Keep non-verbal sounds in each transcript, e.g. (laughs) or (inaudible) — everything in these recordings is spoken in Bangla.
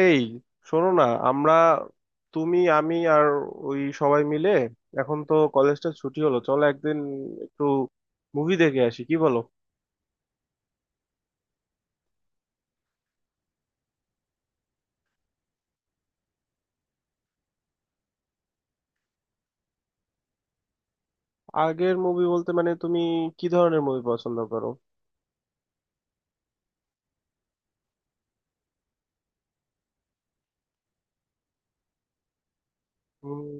এই, শোনো না। আমরা তুমি আমি আর ওই সবাই মিলে, এখন তো কলেজটা ছুটি হলো, চলো একদিন একটু মুভি দেখে আসি, কি বলো? আগের মুভি বলতে মানে তুমি কি ধরনের মুভি পছন্দ করো? উম,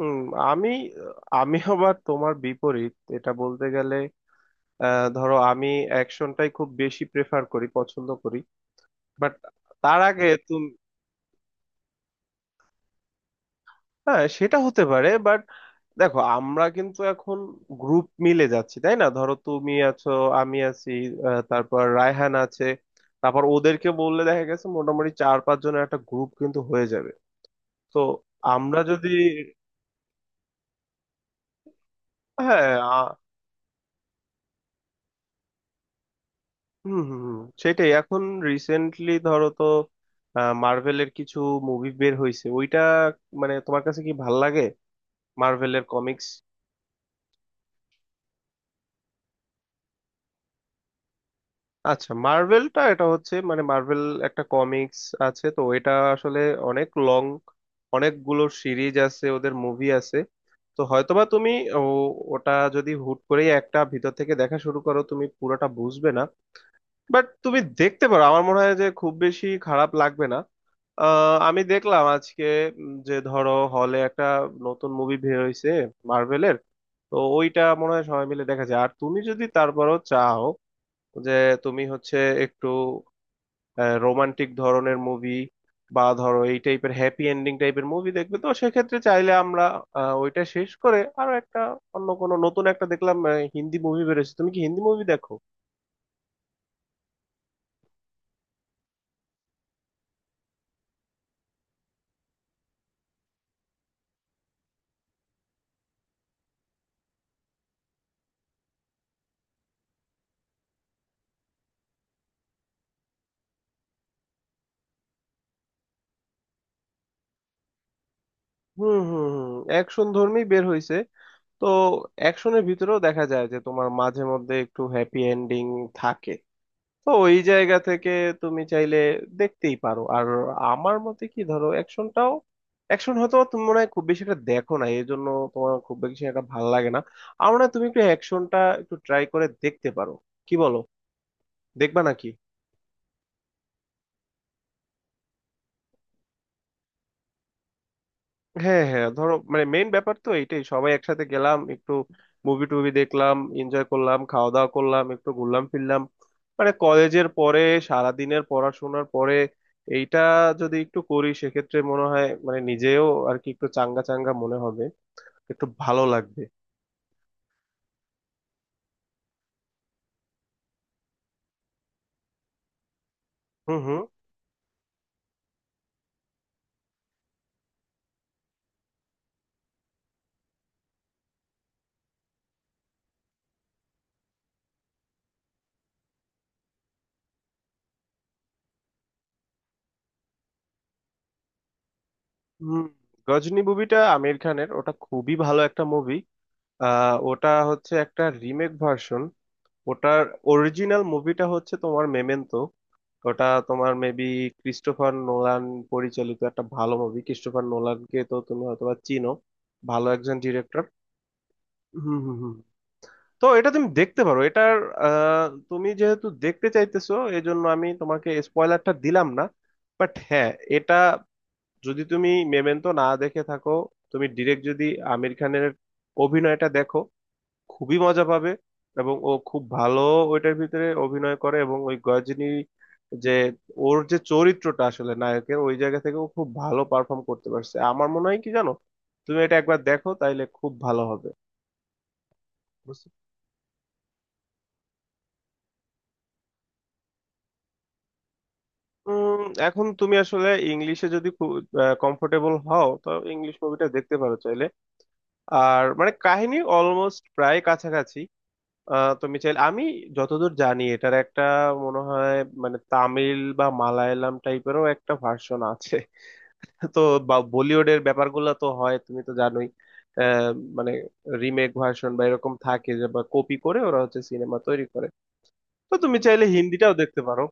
উম, আমি আমি আবার তোমার বিপরীত এটা বলতে গেলে। ধরো আমি অ্যাকশনটাই খুব বেশি প্রেফার করি, পছন্দ করি। বাট তার আগে তুমি। হ্যাঁ, সেটা হতে পারে, বাট দেখো, আমরা কিন্তু এখন গ্রুপ মিলে যাচ্ছি, তাই না? ধরো তুমি আছো, আমি আছি, তারপর রায়হান আছে, তারপর ওদেরকে বললে দেখা গেছে মোটামুটি চার পাঁচ জনের একটা গ্রুপ কিন্তু হয়ে যাবে। তো আমরা যদি হ্যাঁ আ- হুম হুম হুম, সেটাই এখন। রিসেন্টলি ধরো তো মার্ভেলের কিছু মুভি বের হয়েছে, ওইটা মানে তোমার কাছে কি ভাল লাগে মার্ভেলের কমিক্স? আচ্ছা, মার্ভেলটা হচ্ছে মানে মার্ভেল একটা কমিক্স আছে তো, এটা আসলে অনেক লং, অনেকগুলো সিরিজ আছে, ওদের মুভি আছে। তো হয়তোবা তুমি ও ওটা যদি হুট করেই একটা ভিতর থেকে দেখা শুরু করো, তুমি পুরোটা বুঝবে না। বাট তুমি দেখতে পারো, আমার মনে হয় যে খুব বেশি খারাপ লাগবে না। আমি দেখলাম আজকে যে ধরো হলে একটা নতুন মুভি বের হয়েছে মার্ভেলের, তো ওইটা মনে হয় সবাই মিলে দেখা যায়। আর তুমি যদি তারপরও চাও যে তুমি হচ্ছে একটু রোমান্টিক ধরনের মুভি বা ধরো এই টাইপের হ্যাপি এন্ডিং টাইপের মুভি দেখবে, তো সেক্ষেত্রে চাইলে আমরা ওইটা শেষ করে আরো একটা অন্য কোনো নতুন একটা দেখলাম। হিন্দি মুভি বেরোছে, তুমি কি হিন্দি মুভি দেখো? হুম হুম হুম, অ্যাকশন ধর্মী বের হয়েছে। তো অ্যাকশনের ভিতরেও দেখা যায় যে তোমার মাঝে মধ্যে একটু হ্যাপি এন্ডিং থাকে। তো ওই জায়গা থেকে তুমি চাইলে দেখতেই পারো। আর আমার মতে কি, ধরো অ্যাকশনটাও, অ্যাকশন হয়তো তুমি মনে হয় খুব বেশি একটা দেখো না, এই জন্য তোমার খুব বেশি একটা ভালো লাগে না। আমার মনে হয় তুমি একটু অ্যাকশনটা একটু ট্রাই করে দেখতে পারো, কি বলো? দেখবা নাকি? হ্যাঁ হ্যাঁ, ধরো মানে মেইন ব্যাপার তো এইটাই, সবাই একসাথে গেলাম, একটু মুভি টুভি দেখলাম, এনজয় করলাম, খাওয়া দাওয়া করলাম, একটু ঘুরলাম ফিরলাম। মানে কলেজের পরে, সারাদিনের পড়াশোনার পরে, এইটা যদি একটু করি সেক্ষেত্রে মনে হয় মানে নিজেও আর কি একটু চাঙ্গা চাঙ্গা মনে হবে, একটু ভালো লাগবে। হুম হুম হুম, গজনী মুভিটা আমির খানের, ওটা খুবই ভালো একটা মুভি। আহ, ওটা হচ্ছে একটা রিমেক ভার্সন। ওটার অরিজিনাল মুভিটা হচ্ছে তোমার মেমেন্টো। ওটা তোমার মেবি ক্রিস্টোফার নোলান পরিচালিত একটা ভালো মুভি। ক্রিস্টোফার নোলানকে তো তুমি হয়তোবা চিনো, ভালো একজন ডিরেক্টর। হুম হুম হুম। তো এটা তুমি দেখতে পারো। এটার আহ, তুমি যেহেতু দেখতে চাইতেছো, এজন্য আমি তোমাকে স্পয়লারটা দিলাম না। বাট হ্যাঁ, এটা যদি তুমি মেমেন্টো না দেখে থাকো, তুমি ডিরেক্ট যদি আমির খানের অভিনয়টা দেখো, খুবই মজা পাবে। এবং ও খুব ভালো ওইটার ভিতরে অভিনয় করে। এবং ওই গজনী, যে ওর যে চরিত্রটা আসলে নায়কের ওই জায়গা থেকে, ও খুব ভালো পারফর্ম করতে পারছে। আমার মনে হয় কি জানো, তুমি এটা একবার দেখো, তাইলে খুব ভালো হবে। বুঝতে- উম, এখন তুমি আসলে ইংলিশে যদি খুব কমফোর্টেবল হও তো ইংলিশ মুভিটা দেখতে পারো চাইলে। আর মানে কাহিনী অলমোস্ট প্রায় কাছাকাছি। আহ, তুমি চাইলে আমি যতদূর জানি এটার একটা মনে হয় মানে তামিল বা মালায়ালাম টাইপেরও একটা ভার্সন আছে। (laughs) তো বা বলিউডের ব্যাপারগুলো তো হয়, তুমি তো জানোই। আহ, মানে রিমেক ভার্সন বা এরকম থাকে, যে বা কপি করে ওরা হচ্ছে সিনেমা তৈরি করে। তো তুমি চাইলে হিন্দিটাও দেখতে পারো।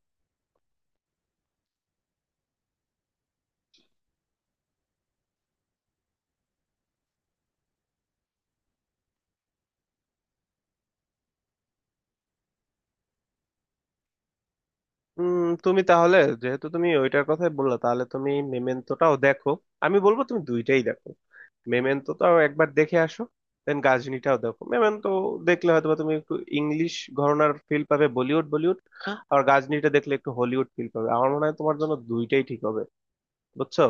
উম, তুমি তাহলে যেহেতু তুমি ওইটার কথাই বললা, তাহলে তুমি মেমেন্টোটাও দেখো। আমি বলবো তুমি দুইটাই দেখো। মেমেন্টোটাও একবার দেখে আসো, দেন গাজনিটাও দেখো। মেমেন্টো দেখলে হয়তো বা তুমি একটু ইংলিশ ঘরানার ফিল পাবে, বলিউড বলিউড আর গাজনিটা দেখলে একটু হলিউড ফিল পাবে। আমার মনে হয় তোমার জন্য দুইটাই ঠিক হবে, বুঝছো?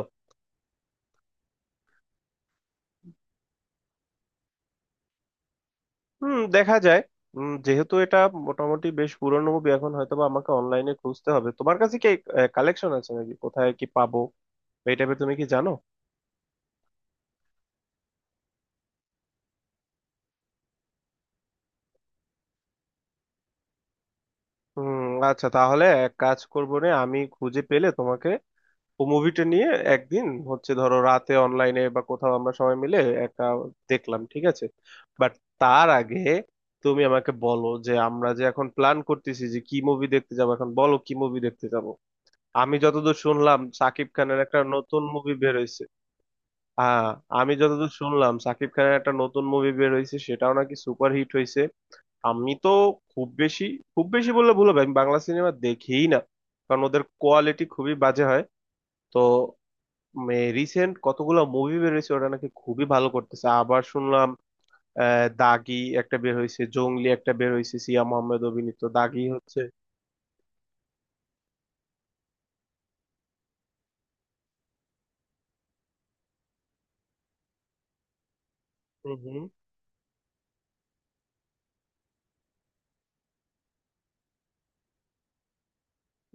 হুম, দেখা যায়। উম, যেহেতু এটা মোটামুটি বেশ পুরনো মুভি, এখন হয়তোবা আমাকে অনলাইনে খুঁজতে হবে। তোমার কাছে কি কালেকশন আছে নাকি, কোথায় কি পাবো এই টাইপের, তুমি কি জানো? হুম। আচ্ছা, তাহলে এক কাজ করবো রে, আমি খুঁজে পেলে তোমাকে ও মুভিটা নিয়ে একদিন হচ্ছে ধরো রাতে অনলাইনে বা কোথাও আমরা সবাই মিলে একটা দেখলাম, ঠিক আছে। বাট তার আগে তুমি আমাকে বলো যে আমরা যে এখন প্ল্যান করতেছি যে কি মুভি দেখতে যাবো, এখন বলো কি মুভি দেখতে যাব। আমি যতদূর শুনলাম সাকিব খানের একটা নতুন মুভি বের হয়েছে। হ্যাঁ, আমি যতদূর শুনলাম সাকিব খানের একটা নতুন মুভি বের হয়েছে, সেটাও নাকি সুপার হিট হয়েছে। আমি তো খুব বেশি, বললে ভুল হবে, আমি বাংলা সিনেমা দেখিই না, কারণ ওদের কোয়ালিটি খুবই বাজে হয়। তো রিসেন্ট কতগুলো মুভি বেরোইছে, ওটা নাকি খুবই ভালো করতেছে আবার শুনলাম। আহ, দাগি একটা বের হয়েছে, জংলি একটা বের হয়েছে, সিয়া মোহাম্মদ অভিনীত দাগি হচ্ছে। হুম হুম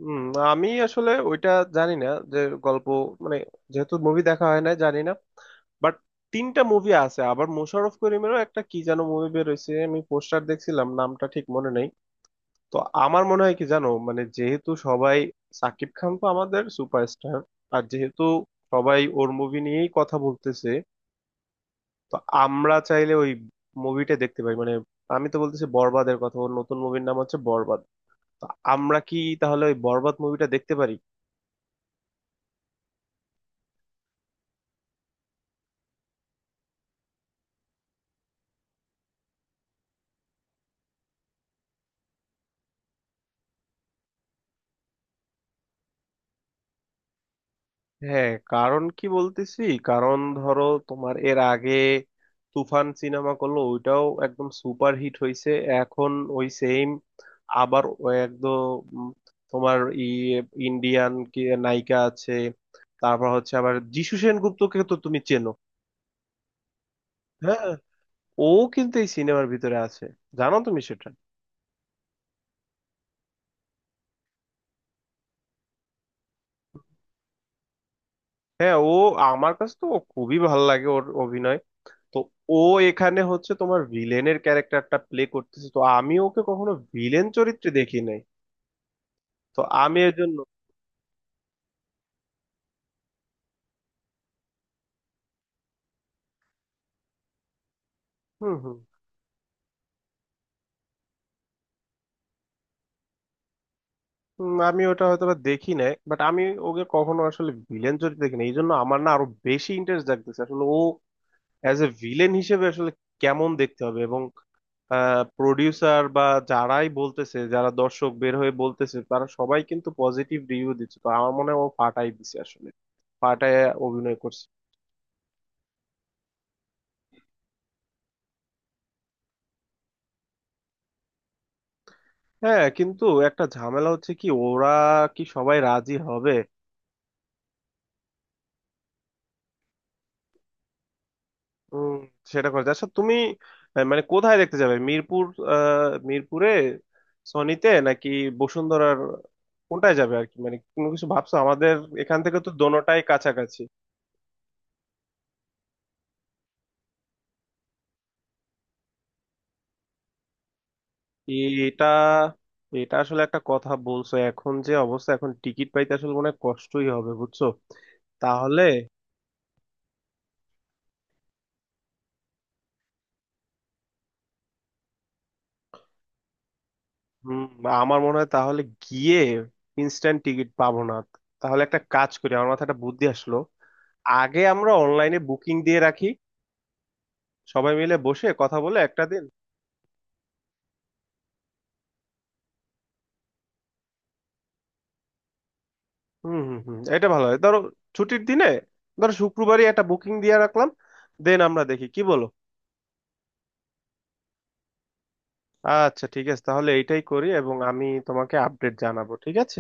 হুম, আমি আসলে ওইটা জানি না, যে গল্প মানে যেহেতু মুভি দেখা হয় না, জানি না। বাট তিনটা মুভি আছে, আবার মোশাররফ করিমেরও একটা কি যেন মুভি বের হয়েছে, আমি পোস্টার দেখছিলাম, নামটা ঠিক মনে নেই। তো আমার মনে হয় কি জানো মানে যেহেতু সবাই, সাকিব খান তো আমাদের সুপারস্টার, আর যেহেতু সবাই ওর মুভি নিয়েই কথা বলতেছে, তো আমরা চাইলে ওই মুভিটা দেখতে পারি। মানে আমি তো বলতেছি বরবাদের কথা, ওর নতুন মুভির নাম হচ্ছে বরবাদ। তো আমরা কি তাহলে ওই বরবাদ মুভিটা দেখতে পারি? হ্যাঁ, কারণ কি বলতেছি, কারণ ধরো তোমার এর আগে তুফান সিনেমা করলো, ওইটাও একদম সুপার হিট হয়েছে। এখন ওই সেম আবার ওই একদম উম, তোমার ই ইন্ডিয়ান কি নায়িকা আছে, তারপর হচ্ছে আবার যিশু সেনগুপ্তকে তো তুমি চেনো। হ্যাঁ, ও কিন্তু এই সিনেমার ভিতরে আছে, জানো তুমি সেটা? হ্যাঁ, ও আমার কাছে তো ও খুবই ভালো লাগে ওর অভিনয়। তো ও এখানে হচ্ছে তোমার ভিলেনের ক্যারেক্টারটা প্লে করতেছে, তো আমি ওকে কখনো ভিলেন চরিত্রে দেখি নাই। তো আমি এর জন্য হুম হুম হুম, আমি ওটা হয়তো বা দেখি নাই, বাট আমি ওকে কখনো আসলে ভিলেন চরিত্রে দেখি নাই, এই জন্য আমার না আরো বেশি ইন্টারেস্ট জাগতেছে আসলে ও অ্যাজ এ ভিলেন হিসেবে আসলে কেমন দেখতে হবে। এবং প্রডিউসার বা যারাই বলতেছে, যারা দর্শক বের হয়ে বলতেছে, তারা সবাই কিন্তু পজিটিভ রিভিউ দিচ্ছে। তো আমার মনে হয় ও ফাটাই দিছে আসলে, ফাটায় অভিনয় করছে। হ্যাঁ, কিন্তু একটা ঝামেলা হচ্ছে কি, ওরা কি সবাই রাজি হবে? উম, সেটা করে আচ্ছা তুমি, আহ, মানে কোথায় দেখতে যাবে, মিরপুর? আহ, মিরপুরে সনিতে নাকি বসুন্ধরার, কোনটায় যাবে আর কি, মানে কোনো কিছু ভাবছো? আমাদের এখান থেকে তো দোনোটাই কাছাকাছি। এটা এটা আসলে একটা কথা বলছো, এখন যে অবস্থা এখন টিকিট পাইতে আসলে মনে হয় কষ্টই হবে, বুঝছো? তাহলে হুম, আমার মনে হয় তাহলে গিয়ে ইনস্ট্যান্ট টিকিট পাবো না। তাহলে একটা কাজ করি, আমার মাথায় একটা বুদ্ধি আসলো, আগে আমরা অনলাইনে বুকিং দিয়ে রাখি সবাই মিলে বসে কথা বলে একটা দিন। হুম হুম হুম, এটা ভালো হয়। ধরো ছুটির দিনে, ধরো শুক্রবারই একটা বুকিং দিয়ে রাখলাম, দেন আমরা দেখি, কি বলো? আচ্ছা, ঠিক আছে, তাহলে এইটাই করি, এবং আমি তোমাকে আপডেট জানাবো, ঠিক আছে।